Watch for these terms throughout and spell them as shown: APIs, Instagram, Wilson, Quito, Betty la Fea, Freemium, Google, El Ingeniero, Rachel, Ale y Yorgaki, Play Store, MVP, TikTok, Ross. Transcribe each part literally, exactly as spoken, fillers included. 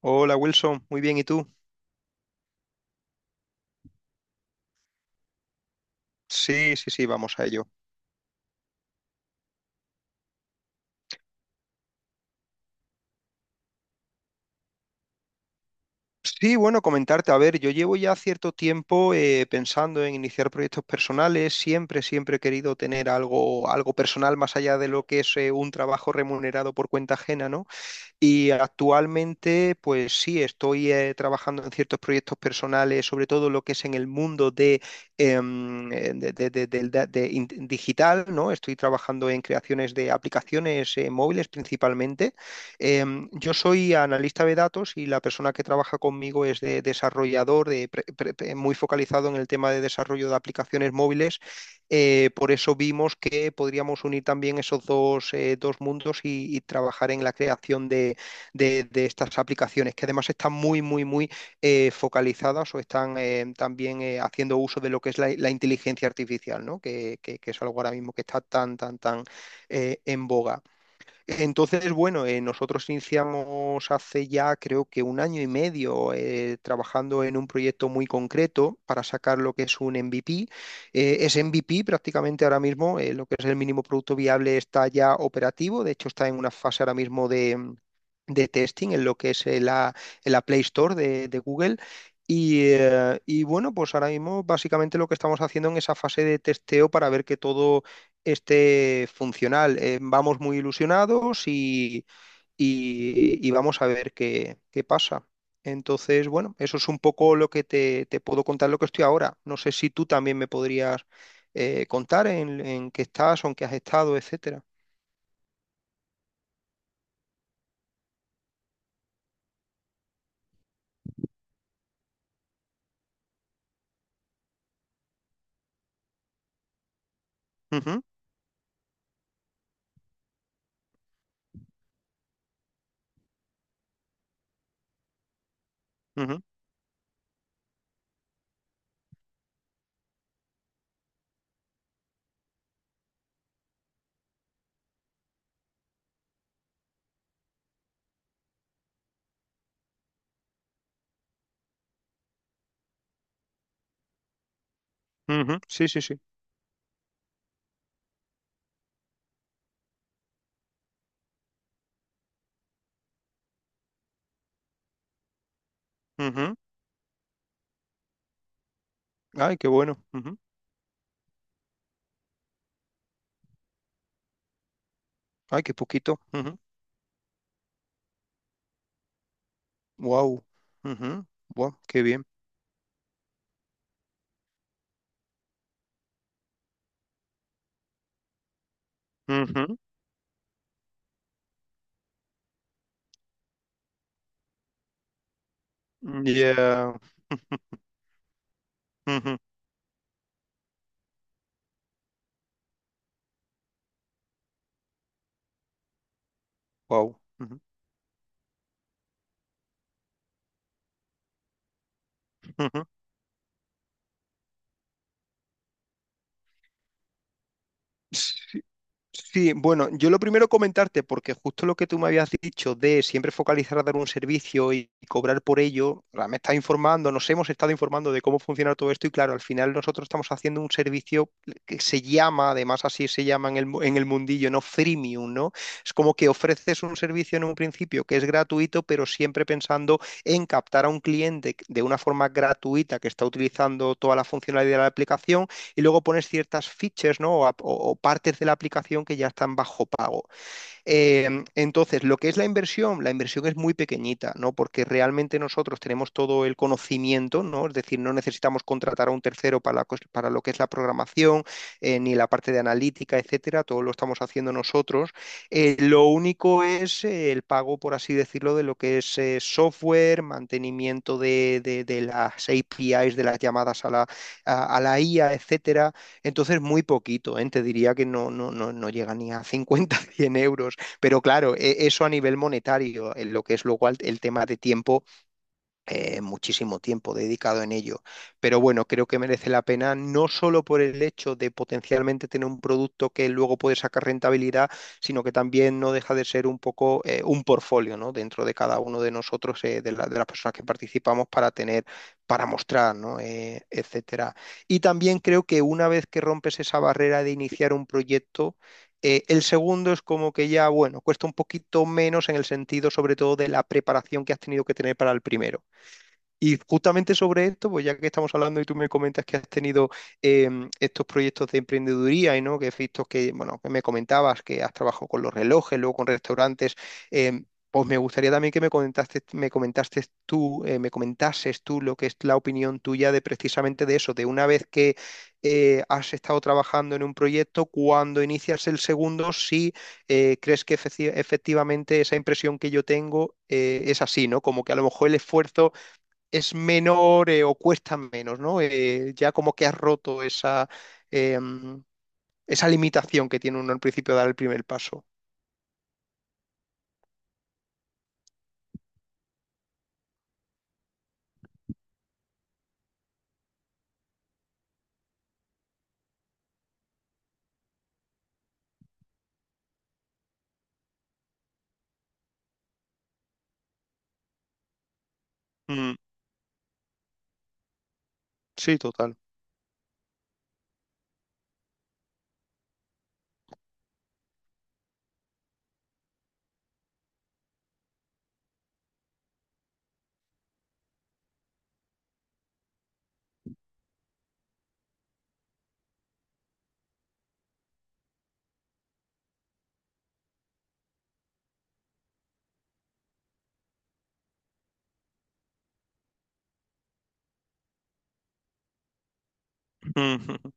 Hola Wilson, muy bien, ¿y tú? Sí, sí, sí, vamos a ello. Sí, bueno, comentarte, a ver, yo llevo ya cierto tiempo eh, pensando en iniciar proyectos personales, siempre, siempre he querido tener algo, algo personal más allá de lo que es eh, un trabajo remunerado por cuenta ajena, ¿no? Y actualmente, pues sí, estoy eh, trabajando en ciertos proyectos personales, sobre todo lo que es en el mundo de, em, eh, de- de- de- del da- de in- digital, ¿no? Estoy trabajando en creaciones de aplicaciones eh, móviles principalmente. Em, yo soy analista de datos y la persona que trabaja conmigo es de desarrollador, de pre- pre- pre- muy focalizado en el tema de desarrollo de aplicaciones móviles eh, por eso vimos que podríamos unir también esos dos, eh, dos mundos y, y trabajar en la creación de, de- de estas aplicaciones, que además están muy, muy, muy eh, focalizadas o están eh, también eh, haciendo uso de lo que es la, la inteligencia artificial, ¿no? Que, que- que es algo ahora mismo que está tan, tan, tan eh, en boga. Entonces, bueno, eh, nosotros iniciamos hace ya creo que un año y medio eh, trabajando en un proyecto muy concreto para sacar lo que es un M V P. Eh, es M V P prácticamente ahora mismo, eh, lo que es el mínimo producto viable está ya operativo, de hecho está en una fase ahora mismo de de testing en lo que es eh, la, en la Play Store de, de Google. Y, eh, y bueno, pues ahora mismo básicamente lo que estamos haciendo en esa fase de testeo para ver que todo esté funcional. Eh, vamos muy ilusionados y, y- y vamos a ver qué, qué pasa. Entonces, bueno, eso es un poco lo que te, te puedo contar lo que estoy ahora. No sé si tú también me podrías eh, contar en, en qué estás o en qué has estado, etcétera. Ujú, ujú, ujú. Sí, sí, sí. Ujú. Ay, qué bueno. Ujú. Ay, qué poquito. Wow. Wow, qué bien. Ujú. Ya. Wow. Sí, bueno, yo lo primero comentarte, porque justo lo que tú me habías dicho de siempre focalizar a dar un servicio y y cobrar por ello, ahora me estás informando, nos hemos estado informando de cómo funciona todo esto y claro, al final nosotros estamos haciendo un servicio que se llama, además así se llama en el, mu- en el mundillo, ¿no? Freemium, ¿no? Es como que ofreces un servicio en un principio que es gratuito, pero siempre pensando en captar a un cliente de una forma gratuita que está utilizando toda la funcionalidad de la aplicación y luego pones ciertas features, ¿no? O, o, o partes de la aplicación que ya están bajo pago. Eh, entonces, lo que es la inversión, la inversión es muy pequeñita, ¿no? Porque realmente nosotros tenemos todo el conocimiento, ¿no? Es decir, no necesitamos contratar a un tercero para, la cos- para lo que es la programación, eh, ni la parte de analítica, etcétera, todo lo estamos haciendo nosotros. Eh, lo único es eh, el pago, por así decirlo, de lo que es eh, software, mantenimiento de, de- de las A P I s, de las llamadas a la, a, a la I A, etcétera. Entonces, muy poquito, ¿eh? Te diría que no, no, no, no llega ni a cincuenta, cien euros. Pero claro, e- eso a nivel monetario, en lo que es luego al- el tema de tiempo, eh, muchísimo tiempo dedicado en ello. Pero bueno, creo que merece la pena no solo por el hecho de potencialmente tener un producto que luego puede sacar rentabilidad, sino que también no deja de ser un poco eh, un portfolio, ¿no? Dentro de cada uno de nosotros, eh, de la- de las personas que participamos para tener, para mostrar, ¿no? Eh, etcétera. Y también creo que una vez que rompes esa barrera de iniciar un proyecto, eh, el segundo es como que ya, bueno, cuesta un poquito menos en el sentido sobre todo de la preparación que has tenido que tener para el primero. Y justamente sobre esto, pues ya que estamos hablando y tú me comentas que has tenido em, estos proyectos de emprendeduría y no, que has visto que, bueno, que me comentabas que has trabajado con los relojes, luego con restaurantes, em, pues me gustaría también que me comentaste, me comentaste tú, eh, me comentases tú lo que es la opinión tuya de precisamente de eso, de una vez que eh, has estado trabajando en un proyecto, cuando inicias el segundo, si eh, crees que efeci- efectivamente esa impresión que yo tengo eh, es así, ¿no? Como que a lo mejor el esfuerzo es menor eh, o cuesta menos, ¿no? Eh, ya como que has roto esa, eh, mm, esa limitación que tiene uno al principio de dar el primer paso. Mm, sí, total.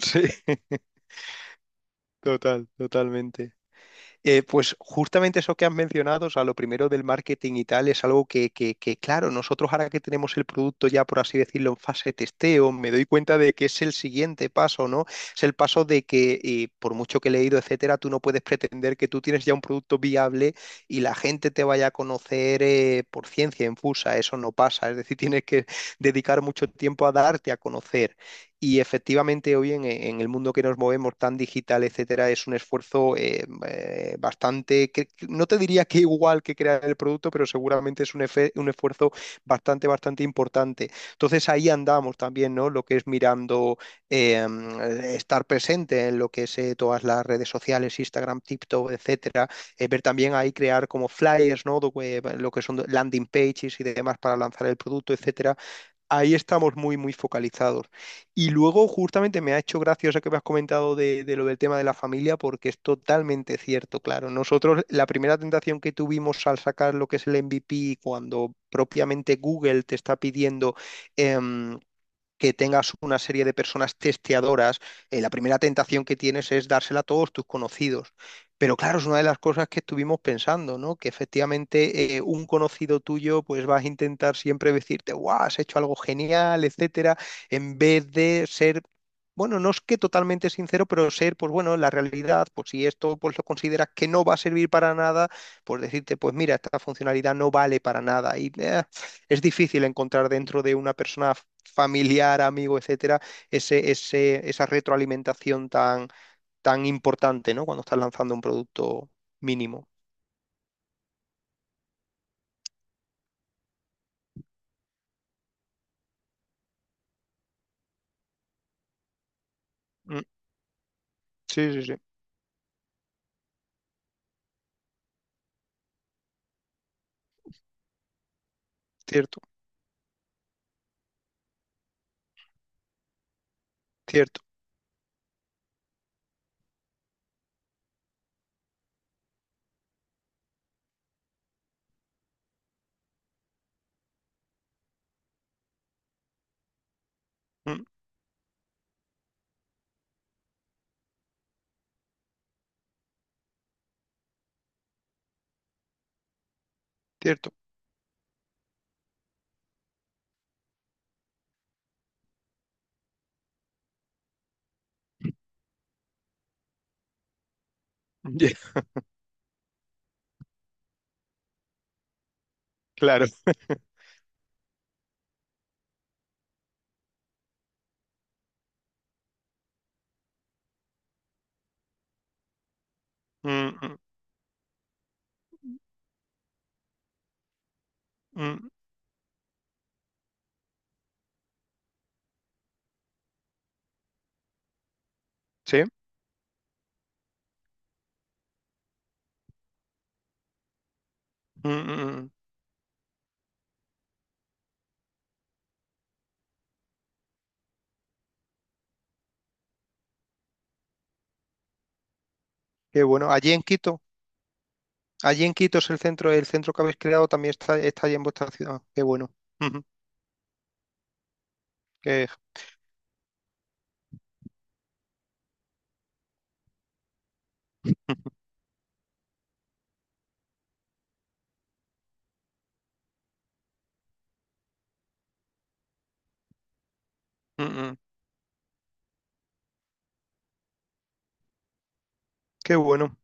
Sí, total, totalmente. Eh, pues justamente eso que has mencionado, o sea, lo primero del marketing y tal, es algo que, que, que, claro, nosotros ahora que tenemos el producto ya, por así decirlo, en fase de testeo, me doy cuenta de que es el siguiente paso, ¿no? Es el paso de que, eh, por mucho que he leído, etcétera, tú no puedes pretender que tú tienes ya un producto viable y la gente te vaya a conocer eh, por ciencia infusa, eso no pasa, es decir, tienes que dedicar mucho tiempo a darte a conocer y efectivamente hoy en, en el mundo que nos movemos tan digital, etcétera, es un esfuerzo eh, eh, bastante, que, que no te diría que igual que crear el producto, pero seguramente es un, efe- un esfuerzo bastante, bastante importante. Entonces ahí andamos también, ¿no? Lo que es mirando, eh, estar presente en lo que es eh, todas las redes sociales, Instagram, TikTok, etcétera. Eh, ver también ahí crear como flyers, ¿no? Do- eh, Lo que son landing pages y demás para lanzar el producto, etcétera. Ahí estamos muy, muy focalizados. Y luego, justamente, me ha hecho gracia eso que me has comentado de, de lo del tema de la familia, porque es totalmente cierto, claro. Nosotros, la primera tentación que tuvimos al sacar lo que es el M V P, cuando propiamente Google te está pidiendo em, que tengas una serie de personas testeadoras, eh, la primera tentación que tienes es dársela a todos tus conocidos. Pero claro, es una de las cosas que estuvimos pensando, ¿no? Que efectivamente eh, un conocido tuyo, pues vas a intentar siempre decirte, guau, has hecho algo genial, etcétera, en vez de ser bueno, no es que totalmente sincero, pero ser, pues bueno, la realidad, pues si esto pues lo consideras que no va a servir para nada, pues decirte, pues mira, esta funcionalidad no vale para nada y eh, es difícil encontrar dentro de una persona familiar, amigo, etcétera, ese, ese, esa retroalimentación tan, tan importante, ¿no? Cuando estás lanzando un producto mínimo. Mm, sí, sí, sí. Cierto, cierto, mm, cierto. Yeah. Claro. Mm, mm, mm, sí. Mm, mm, mm. Qué bueno. Allí en Quito, allí en Quito es el centro, el centro que habéis creado también está, está allí en vuestra ciudad. Qué bueno. Ujú. Qué, mm, mm, qué bueno.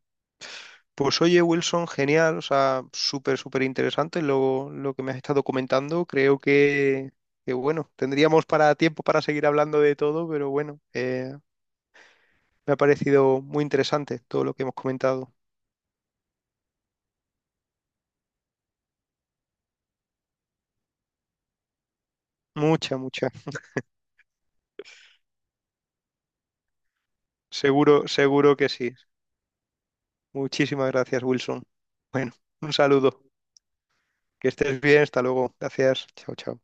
Pues oye, Wilson, genial, o sea, súper, súper interesante lo, lo que me has estado comentando. Creo que, que, bueno, tendríamos para tiempo para seguir hablando de todo, pero bueno, eh, me ha parecido muy interesante todo lo que hemos comentado. Mucha, mucha. Seguro, seguro que sí. Muchísimas gracias, Wilson. Bueno, un saludo. Que estés bien, hasta luego. Gracias. Chao, chao.